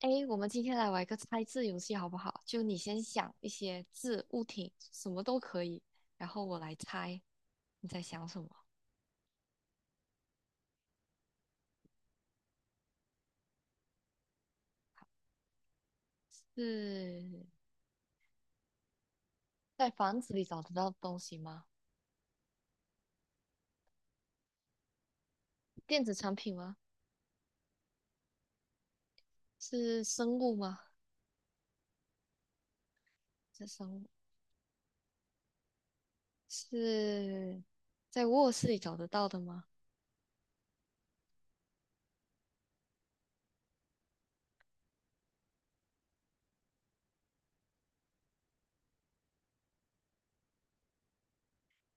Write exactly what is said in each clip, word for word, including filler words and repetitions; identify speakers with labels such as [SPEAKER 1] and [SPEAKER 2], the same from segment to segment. [SPEAKER 1] 诶，我们今天来玩一个猜字游戏，好不好？就你先想一些字、物品，什么都可以，然后我来猜你在想什么。是在房子里找得到的东西吗？电子产品吗？是生物吗？是生物？是在卧室里找得到的吗？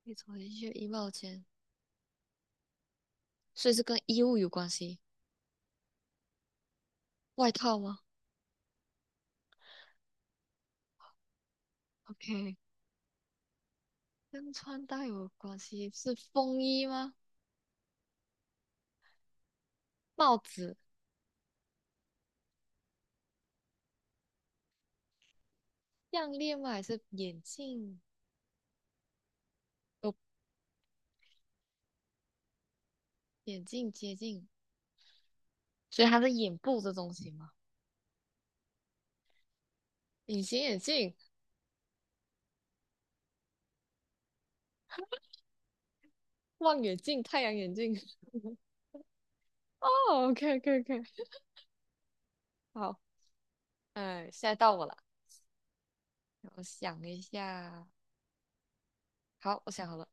[SPEAKER 1] 可以走进去衣帽间，所以是跟衣物有关系。外套吗？OK，跟穿搭有关系，是风衣吗？帽子。项链吗？还是眼镜？哦，眼镜接近，所以它是眼部这东西吗？隐形眼镜、望远镜、太阳眼镜。哦，OK，OK，OK，好，嗯，现在到我了，我想一下，好，我想好了，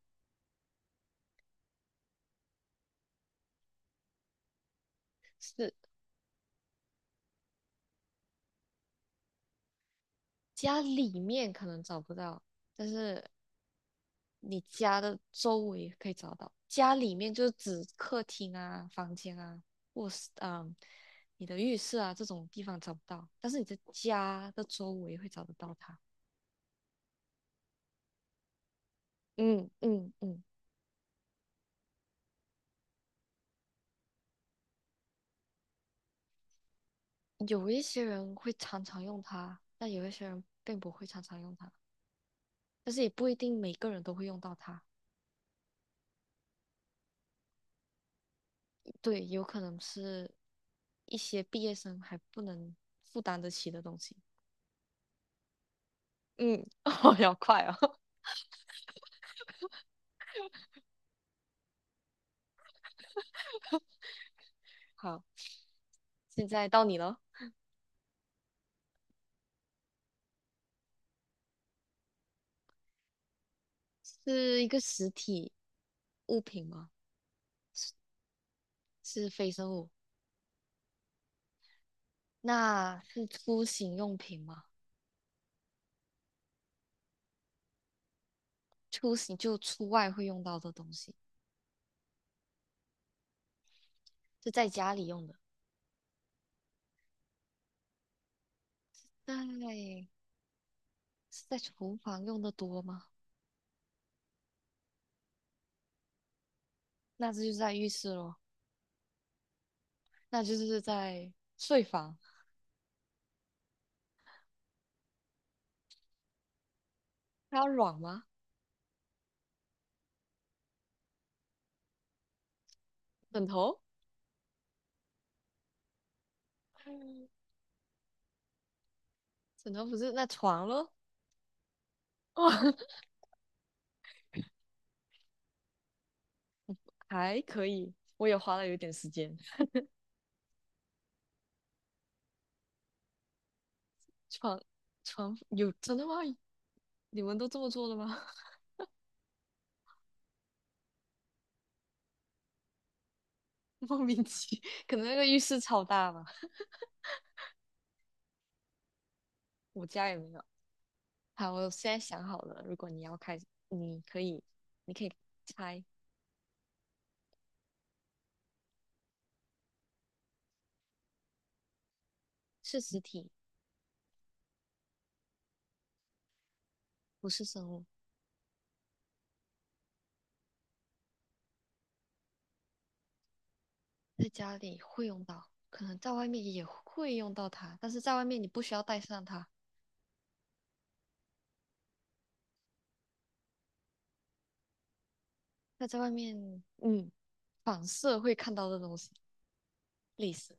[SPEAKER 1] 是家里面可能找不到，但是你家的周围可以找到，家里面就是指客厅啊、房间啊，卧室啊、你的浴室啊这种地方找不到，但是你的家的周围会找得到它。嗯嗯嗯，有一些人会常常用它，但有一些人并不会常常用它，但是也不一定每个人都会用到它。对，有可能是一些毕业生还不能负担得起的东西。嗯，哦，要快哦。好，现在到你了。是一个实体物品吗？是非生物？那是出行用品吗？出行就出外会用到的东西，是在家里用的。那是在厨房用的多吗？那这就是在浴室咯，那就是在睡房。它要软吗？枕头？嗯枕头不是那床咯？哦，还可以，我也花了有点时间。床床有真的吗？你们都这么做的吗？莫名其，可能那个浴室超大吧，我家也没有。好，我现在想好了，如果你要开，你可以，你可以猜是实体，不是生物，在家里会用到，可能在外面也会用到它，但是在外面你不需要带上它，那在外面，嗯，反射会看到的东西，历史，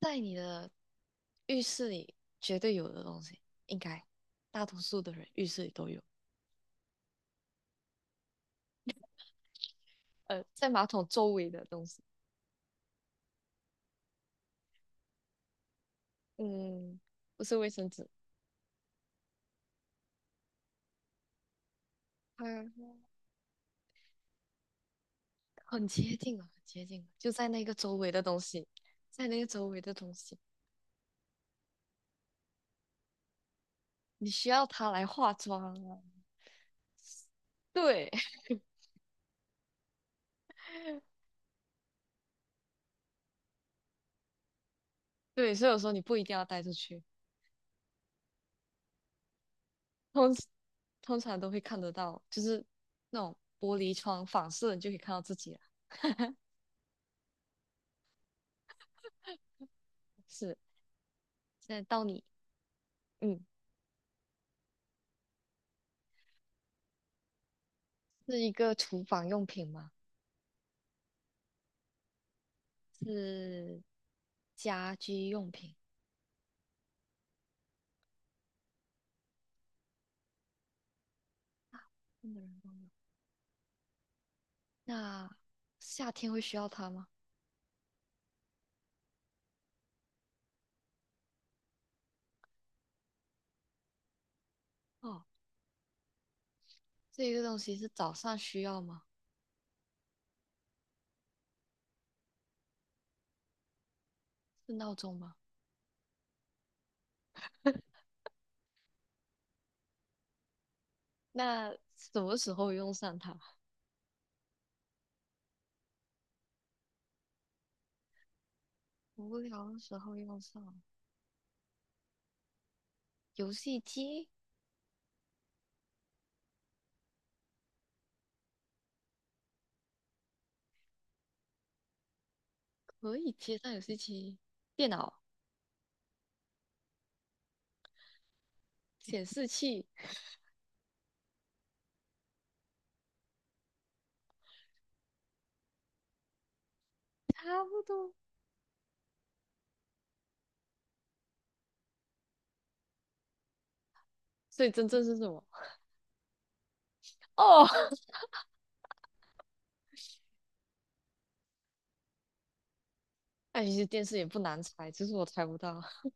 [SPEAKER 1] 在你的浴室里绝对有的东西，应该大多数的人浴室里都有，呃，在马桶周围的东西，嗯，不是卫生纸。嗯，很接近了，很接近了，就在那个周围的东西，在那个周围的东西，你需要它来化妆啊。对 对，所以我说你不一定要带出去，通通常都会看得到，就是那种玻璃窗反射，你就可以看到自己了。是，现在到你，嗯，是一个厨房用品吗？是家居用品。嗯那夏天会需要它吗？哦，这个东西是早上需要吗？是闹钟吗？那什么时候用上它？无聊的时候用上。游戏机可以接上游戏机，电脑显示器 差不多。所以真正是什么？哦，那其实电视也不难猜，只是我猜不到。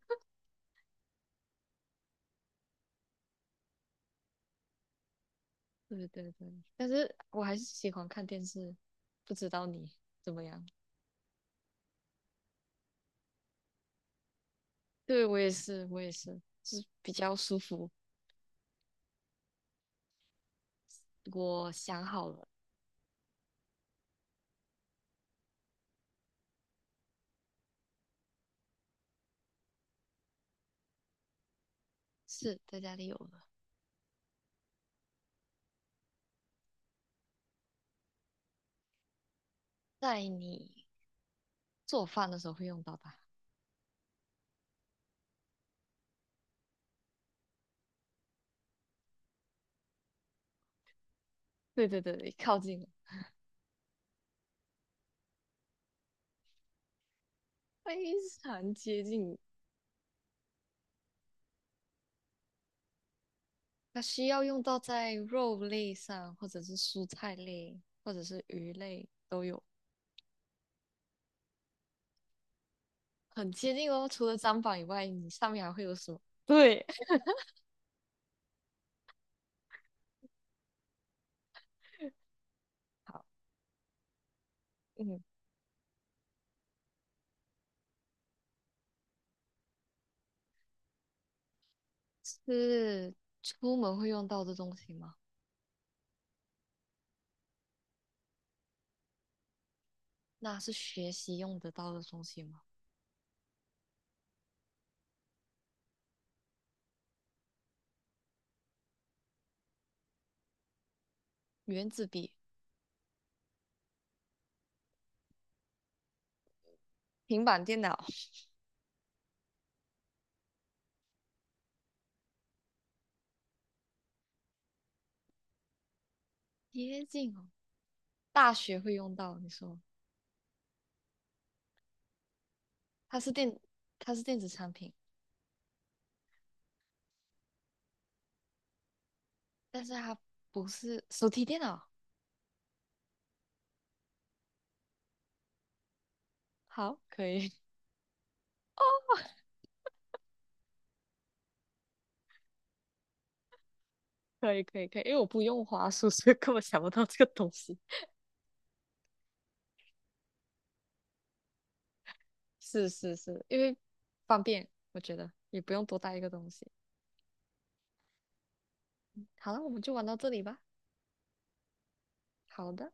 [SPEAKER 1] 对对对，但是我还是喜欢看电视，不知道你怎么样？对，我也是，我也是，就是比较舒服。我想好了，是在家里有了，在你做饭的时候会用到它。对对对对，靠近了，非常接近。它需要用到在肉类上，或者是蔬菜类，或者是鱼类都有，很接近哦。除了砧板以外，你上面还会有什么？对，好，嗯，是出门会用到的东西吗？那是学习用得到的东西吗？原子笔、平板电脑，接近哦。大学会用到，你说它是电，它是电子产品，但是它不是手提电脑。好，可以。哦，可以可以可以，因为我不用滑鼠，所以根本想不到这个东西。是是是，因为方便，我觉得也不用多带一个东西。好了，我们就玩到这里吧。好的。